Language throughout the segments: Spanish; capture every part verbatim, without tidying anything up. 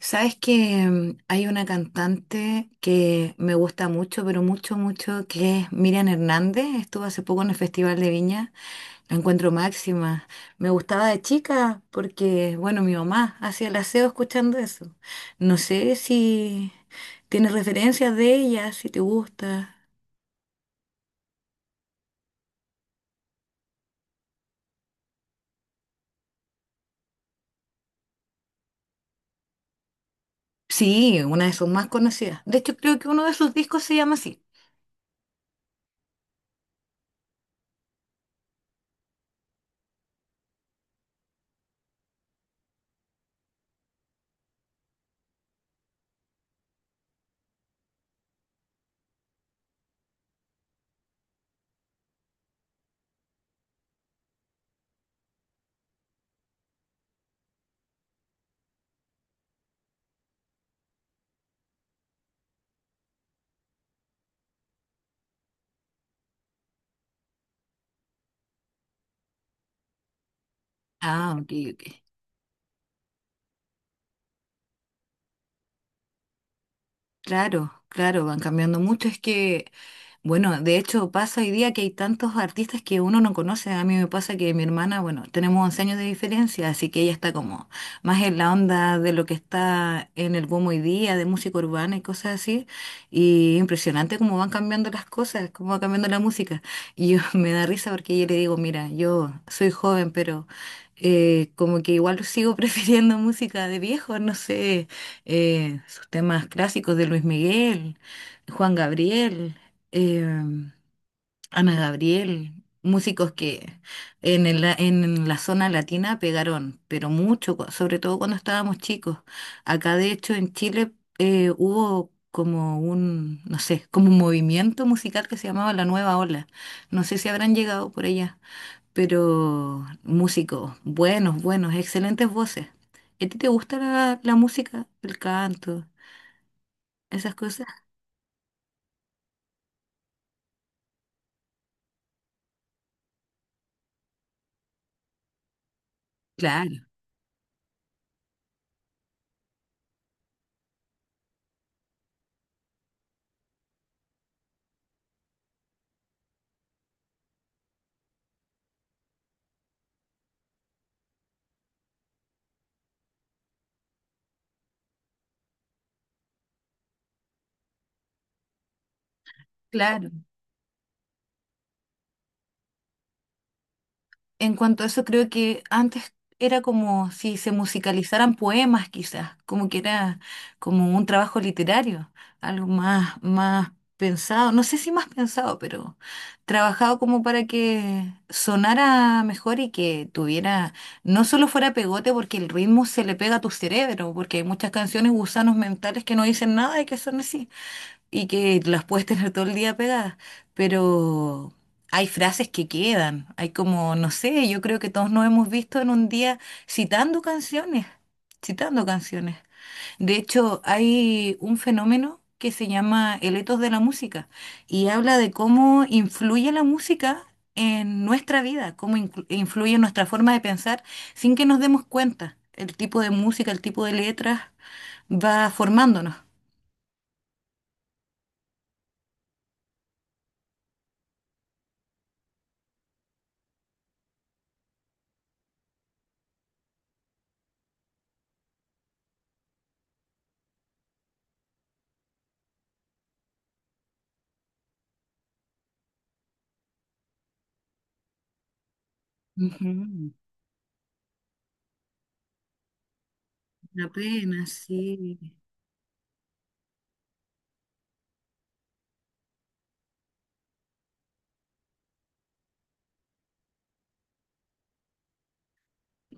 Sabes que mm, hay una cantante que me gusta mucho, pero mucho, mucho, que es Miriam Hernández. Estuvo hace poco en el Festival de Viña. La encuentro máxima. Me gustaba de chica porque, bueno, mi mamá hacía el aseo escuchando eso. No sé si tienes referencias de ella, si te gusta. Sí, una de sus más conocidas. De hecho, creo que uno de sus discos se llama así. Ah, ok, ok. Claro, claro, van cambiando mucho. Es que, bueno, de hecho pasa hoy día que hay tantos artistas que uno no conoce. A mí me pasa que mi hermana, bueno, tenemos once años de diferencia, así que ella está como más en la onda de lo que está en el boom hoy día, de música urbana y cosas así. Y impresionante cómo van cambiando las cosas, cómo va cambiando la música. Y yo me da risa porque yo le digo, mira, yo soy joven, pero eh, como que igual sigo prefiriendo música de viejo, no sé eh, sus temas clásicos de Luis Miguel, Juan Gabriel, eh, Ana Gabriel, músicos que en el- en la zona latina pegaron, pero mucho, cu- sobre todo cuando estábamos chicos. Acá, de hecho, en Chile eh, hubo como un, no sé, como un movimiento musical que se llamaba La Nueva Ola. No sé si habrán llegado por allá, pero músicos buenos, buenos, excelentes voces. ¿A ti te gusta la, la música, el canto? Esas cosas, claro, claro. En cuanto a eso, creo que antes era como si se musicalizaran poemas, quizás, como que era como un trabajo literario, algo más, más pensado, no sé si más pensado, pero trabajado como para que sonara mejor y que tuviera, no solo fuera pegote, porque el ritmo se le pega a tu cerebro, porque hay muchas canciones gusanos mentales que no dicen nada y que son así, y que las puedes tener todo el día pegadas, pero hay frases que quedan, hay como, no sé, yo creo que todos nos hemos visto en un día citando canciones, citando canciones. De hecho, hay un fenómeno que se llama el etos de la música y habla de cómo influye la música en nuestra vida, cómo inclu- influye en nuestra forma de pensar sin que nos demos cuenta. El tipo de música, el tipo de letras va formándonos. Ujú. Una pena, sí.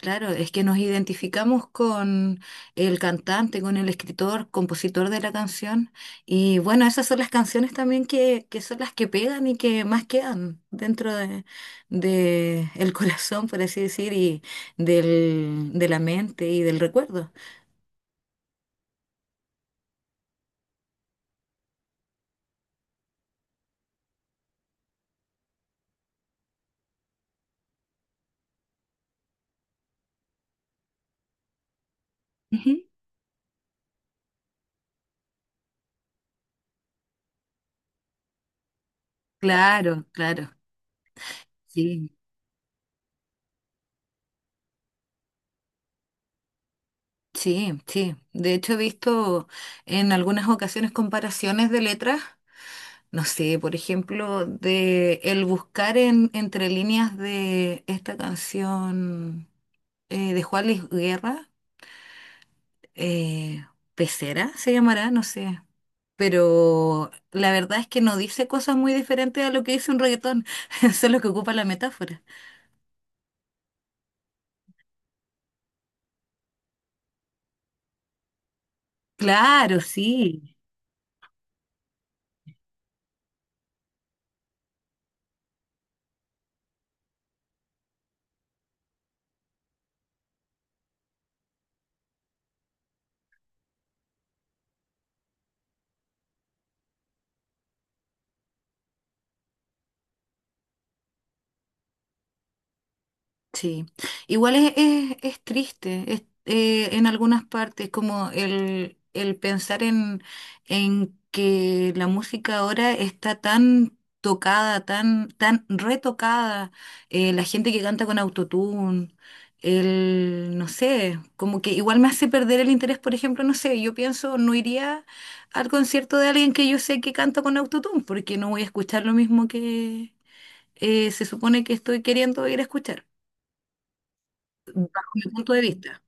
Claro, es que nos identificamos con el cantante, con el escritor, compositor de la canción. Y bueno, esas son las canciones también que, que son las que pegan y que más quedan dentro de, de el corazón, por así decir, y del, de la mente y del recuerdo. Ujú. Claro, claro, sí, sí, sí. De hecho, he visto en algunas ocasiones comparaciones de letras, no sé, por ejemplo, de el buscar en, entre líneas de esta canción, eh, de Juan Luis Guerra, eh, Pecera se llamará, no sé. Pero la verdad es que no dice cosas muy diferentes a lo que dice un reggaetón, solo que ocupa la metáfora. Claro, sí. Sí, igual es, es, es triste es, eh, en algunas partes, como el, el pensar en, en que la música ahora está tan tocada, tan, tan retocada, eh, la gente que canta con autotune, el, no sé, como que igual me hace perder el interés, por ejemplo, no sé, yo pienso, no iría al concierto de alguien que yo sé que canta con autotune, porque no voy a escuchar lo mismo que eh, se supone que estoy queriendo ir a escuchar mi punto de vista.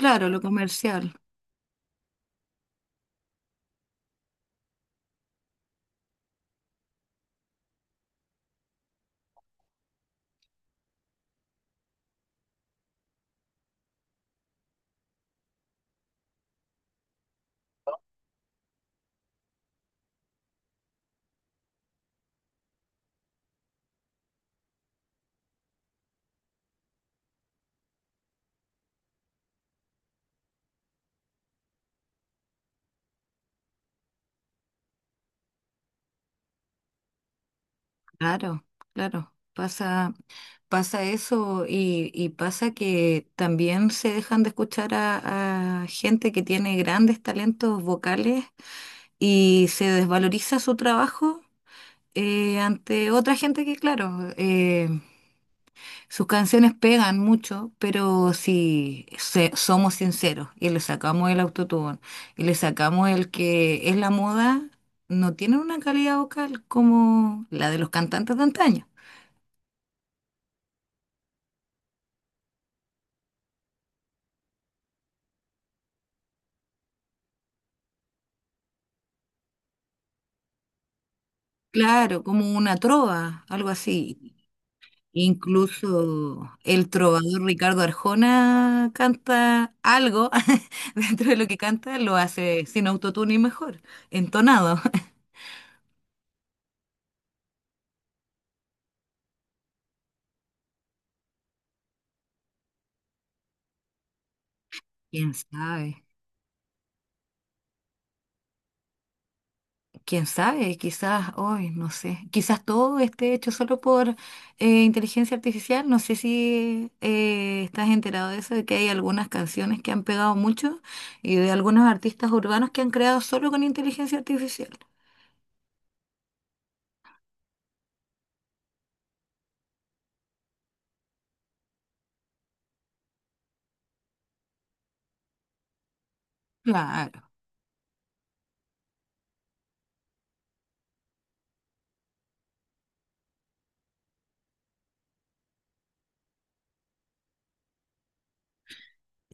Claro, lo comercial, claro, claro. Pasa, pasa eso y, y pasa que también se dejan de escuchar a, a gente que tiene grandes talentos vocales y se desvaloriza su trabajo eh, ante otra gente que, claro, eh, sus canciones pegan mucho, pero si se- somos sinceros y le sacamos el autotune y le sacamos el que es la moda, no tienen una calidad vocal como la de los cantantes de antaño. Claro, como una trova, algo así. Incluso el trovador Ricardo Arjona canta algo dentro de lo que canta, lo hace sin autotune y mejor, entonado. ¿Quién sabe? Quién sabe, quizás, hoy, no sé, quizás todo esté hecho solo por eh, inteligencia artificial. No sé si eh, estás enterado de eso, de que hay algunas canciones que han pegado mucho y de algunos artistas urbanos que han creado solo con inteligencia artificial. Claro.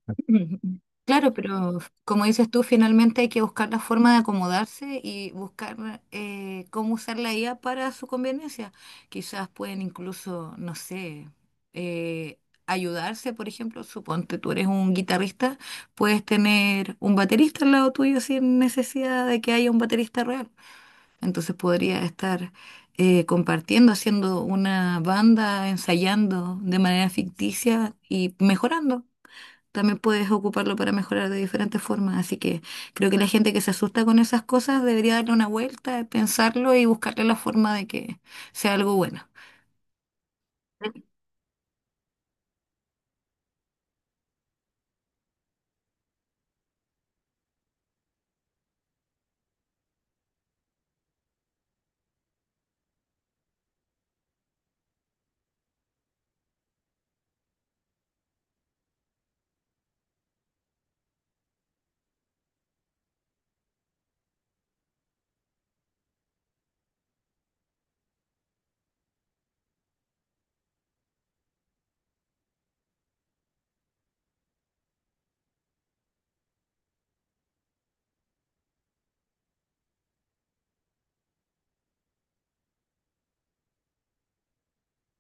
Ujú. Claro, pero como dices tú, finalmente hay que buscar la forma de acomodarse y buscar eh, cómo usar la I A para su conveniencia. Quizás pueden incluso, no sé, eh, ayudarse, por ejemplo, suponte tú eres un guitarrista, puedes tener un baterista al lado tuyo sin necesidad de que haya un baterista real. Entonces podría estar eh, compartiendo, haciendo una banda, ensayando de manera ficticia y mejorando también puedes ocuparlo para mejorar de diferentes formas. Así que creo que la gente que se asusta con esas cosas debería darle una vuelta, pensarlo y buscarle la forma de que sea algo bueno.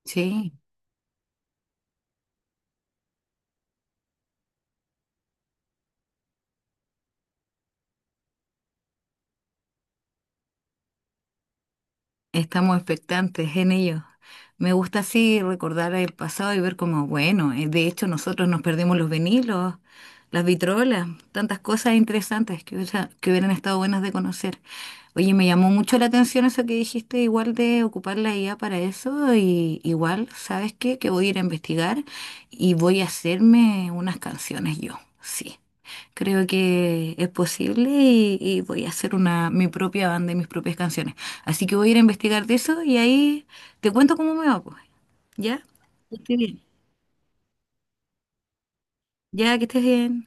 Sí. Estamos expectantes en ello. Me gusta así recordar el pasado y ver cómo, bueno, eh, de hecho nosotros nos perdimos los vinilos, las vitrolas, tantas cosas interesantes que, hubiera- que hubieran estado buenas de conocer. Oye, me llamó mucho la atención eso que dijiste, igual de ocupar la I A para eso, y igual, ¿sabes qué? Que voy a ir a investigar y voy a hacerme unas canciones yo, sí. Creo que es posible y, y voy a hacer una, mi propia banda y mis propias canciones. Así que voy a ir a investigar de eso y ahí te cuento cómo me va, pues. ¿Ya? Que estés bien. Ya, que estés bien.